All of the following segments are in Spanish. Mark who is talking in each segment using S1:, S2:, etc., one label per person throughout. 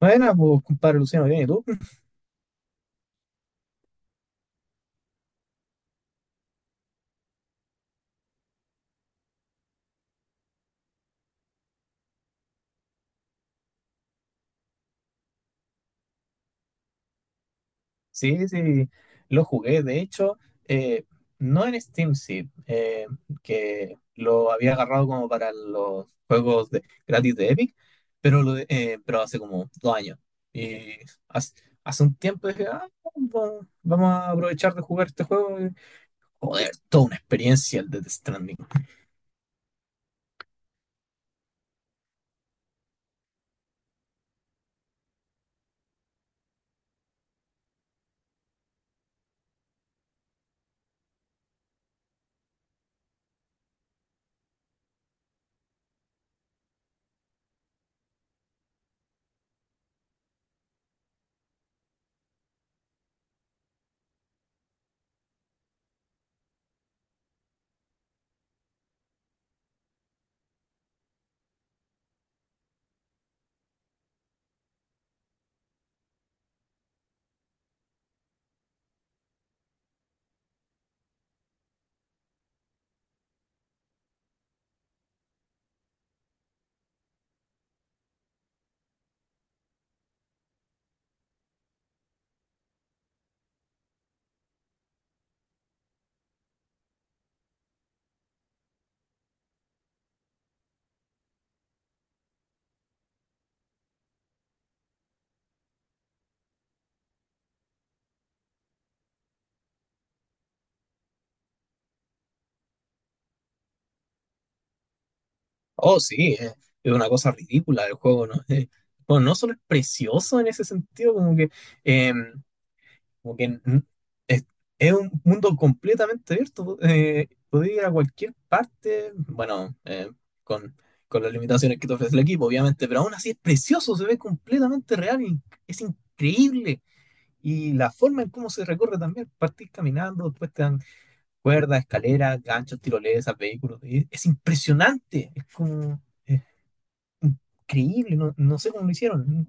S1: Buena, pues, compadre Luciano, bien, ¿y tú? Sí, sí, lo jugué. De hecho, eh, no en Steam, sí, que lo había agarrado como para los gratis de Epic, pero, pero hace como dos años. Y hace, hace un tiempo dije, ah, vamos a aprovechar de jugar este juego. Joder, toda una experiencia el Death Stranding. Oh, sí, es una cosa ridícula el juego, ¿no? Bueno, no solo es precioso en ese sentido, como que, eh, como que n- es, es un mundo completamente abierto. Podés ir a cualquier parte, bueno, con, con las limitaciones que te ofrece el equipo, obviamente, pero aún así es precioso, se ve completamente real y es increíble. Y la forma en cómo se recorre también, partís caminando, después te dan cuerdas, escaleras, ganchos, tirolesas, vehículos. Es impresionante, es como es increíble, no sé cómo lo hicieron.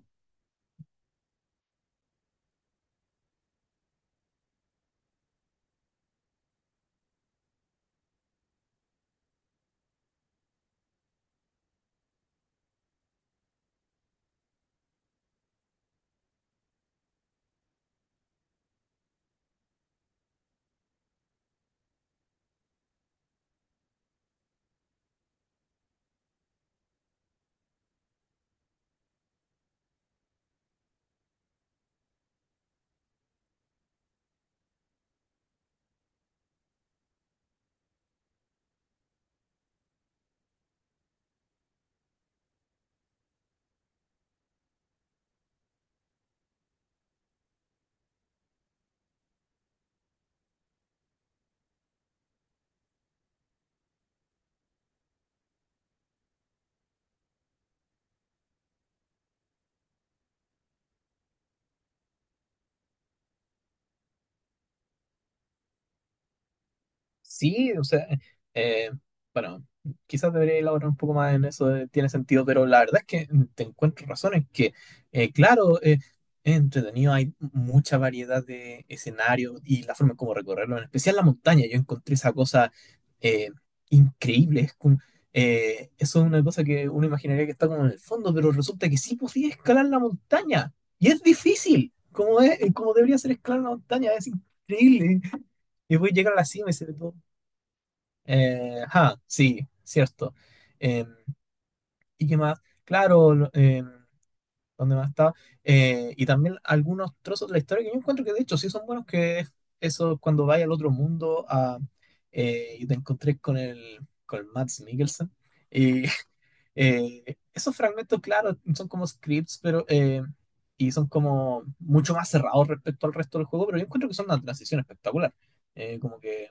S1: Sí, o sea, eh, bueno, quizás debería elaborar un poco más en eso, de tiene sentido, pero la verdad es que mm, te encuentro razones que, claro, es entretenido, hay mucha variedad de escenarios y la forma en cómo recorrerlo, en especial la montaña, yo encontré esa cosa eh, increíble, eso es una cosa que uno imaginaría que está como en el fondo, pero resulta que sí podía escalar la montaña, y es difícil, como es, como debería ser escalar la montaña, es increíble. Y voy a llegar a la cima y se ve todo, ajá, sí, cierto. Em, ¿y qué más? Claro, ¿dónde más estaba? Y también algunos trozos de la historia que yo encuentro que de hecho sí son buenos, que es eso cuando vaya al otro mundo a, y te encontré con con el Mads Mikkelsen. Y eh, esos fragmentos, claro, son como scripts, pero y son como mucho más cerrados respecto al resto del juego, pero yo encuentro que son una transición espectacular. Como que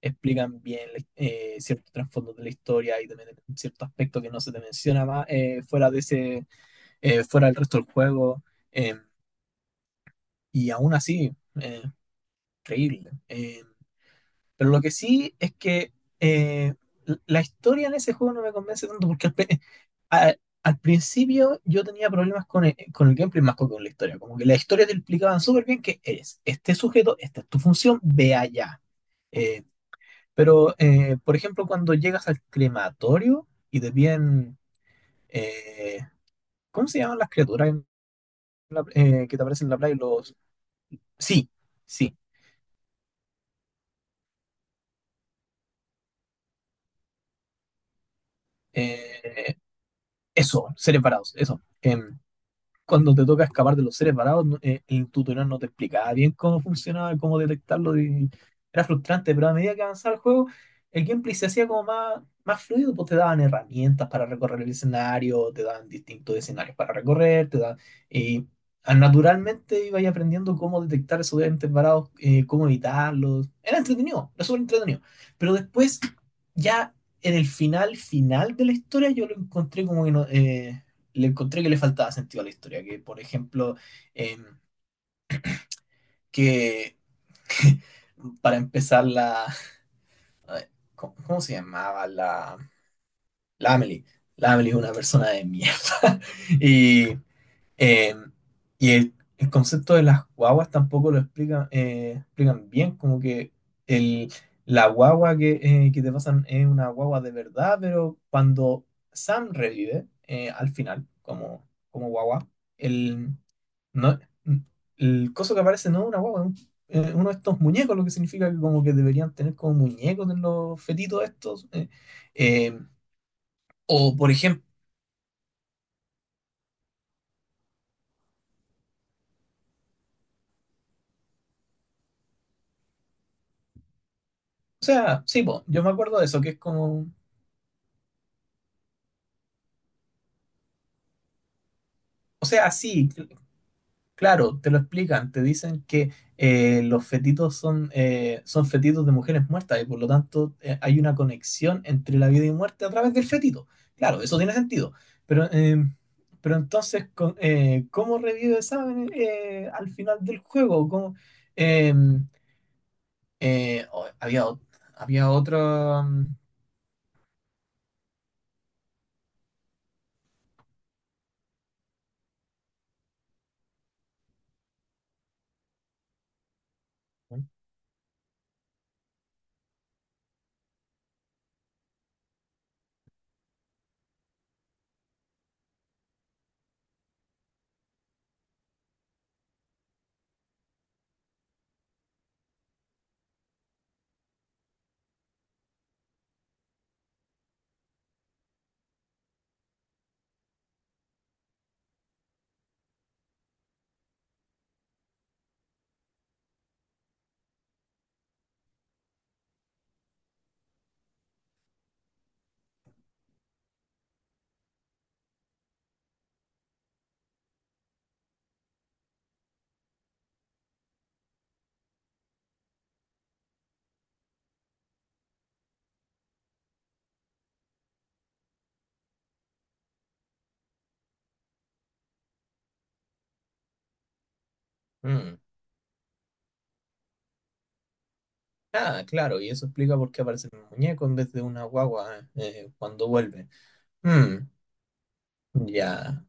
S1: explican bien, ciertos trasfondos de la historia y también cierto aspecto que no se te menciona más, fuera de ese, fuera del resto del juego. eh, y aún así, eh, increíble. Pero lo que sí es que eh, la historia en ese juego no me convence tanto porque a- al principio yo tenía problemas con con el gameplay más que con la historia. Como que la historia te explicaban súper bien que eres este sujeto, esta es tu función, ve allá. eh, Pero, por ejemplo, cuando llegas al crematorio y te piden, eh, ¿cómo se llaman las criaturas en que te aparecen en la playa? Los... Sí, sí. eh, Eso, seres varados, eso. Em, cuando te toca escapar de los seres varados, el tutorial no te explicaba bien cómo funcionaba, cómo detectarlo. Y era frustrante, pero a medida que avanzaba el juego, el gameplay se hacía como más fluido, pues te daban herramientas para recorrer el escenario, te daban distintos escenarios para recorrer, te daban... Y ah, naturalmente ibas aprendiendo cómo detectar esos entes varados, cómo evitarlos. Era entretenido, era súper entretenido. Pero después, ya en el final de la historia, yo lo encontré como que no... le encontré que le faltaba sentido a la historia, que por ejemplo, em, que para empezar la, ¿cómo, cómo se llamaba? La, la Amelie. La Amelie es una persona de mierda. Y eh, y el concepto de las guaguas tampoco lo explican, explican bien, como que el, la guagua que te pasan es una guagua de verdad, pero cuando Sam revive, al final, como, como guagua, el, no, el coso que aparece no es una guagua, es uno de estos muñecos, lo que significa que como que deberían tener como muñecos en los fetitos estos. Eh, o por ejemplo, o sea, sí, po, yo me acuerdo de eso, que es como... O sea, sí, claro, te lo explican, te dicen que, los fetitos son, son fetitos de mujeres muertas y por lo tanto, hay una conexión entre la vida y muerte a través del fetito. Claro, eso tiene sentido. Pero, eh, pero entonces, ¿cómo revive Saben, al final del juego? ¿Cómo, eh, había, había otro. Mm. Ah, claro, y eso explica por qué aparece un muñeco en vez de una guagua, cuando vuelve. Mm, ya.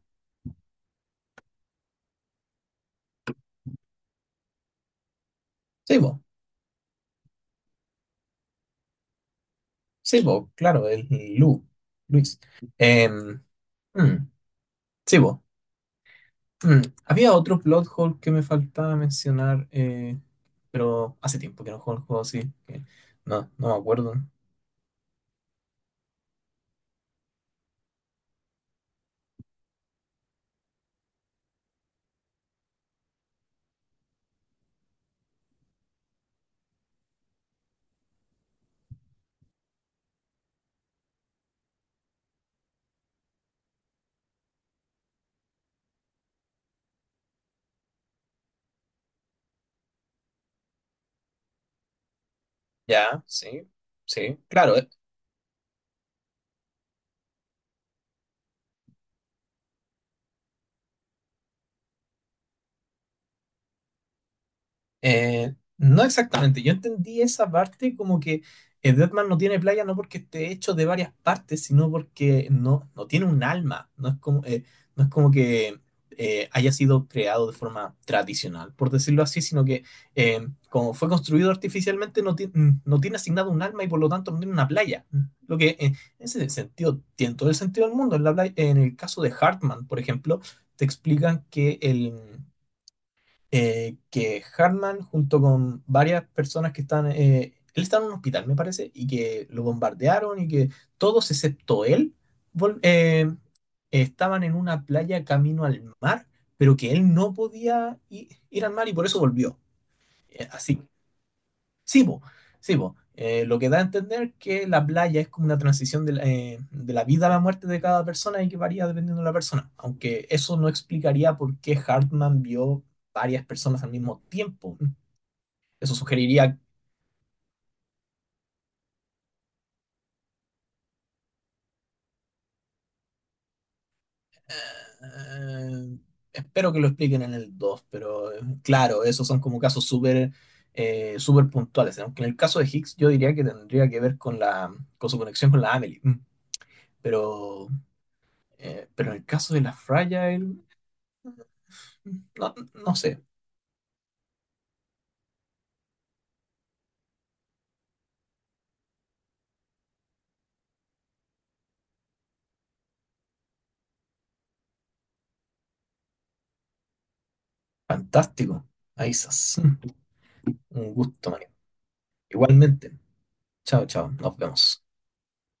S1: Sí, bo. Sí, bo, claro, el Lu, Luis. Em, mm, sí, bo. Mm, había otro plot hole que me faltaba mencionar, pero hace tiempo que no juego el juego así, que no, no me acuerdo. Ya, sí, sí, claro. No exactamente. Yo entendí esa parte como que, Deathman no tiene playa no porque esté hecho de varias partes, sino porque no tiene un alma. No es como, no es como que, haya sido creado de forma tradicional, por decirlo así, sino que, como fue construido artificialmente, no, mm, no tiene asignado un alma y por lo tanto no tiene una playa. Mm, lo que, en ese sentido tiene todo el sentido del mundo. En la en el caso de Hartman, por ejemplo, te explican que el que Hartman, junto con varias personas que están, él está en un hospital, me parece, y que lo bombardearon y que todos excepto él vol- eh, estaban en una playa camino al mar, pero que él no podía ir al mar y por eso volvió. Así sí, po, sí, po. Lo que da a entender que la playa es como una transición de la vida a la muerte de cada persona y que varía dependiendo de la persona. Aunque eso no explicaría por qué Hartman vio varias personas al mismo tiempo. Eso sugeriría... eh, espero que lo expliquen en el 2, pero, claro, esos son como casos súper, súper puntuales. Aunque en el caso de Higgs yo diría que tendría que ver con, la, con su conexión con la Amelie. Mm. Pero, pero en el caso de la Fragile... No, no sé. Fantástico. Ahí estás. Un gusto, Mario. Igualmente. Chao, chao. Nos vemos.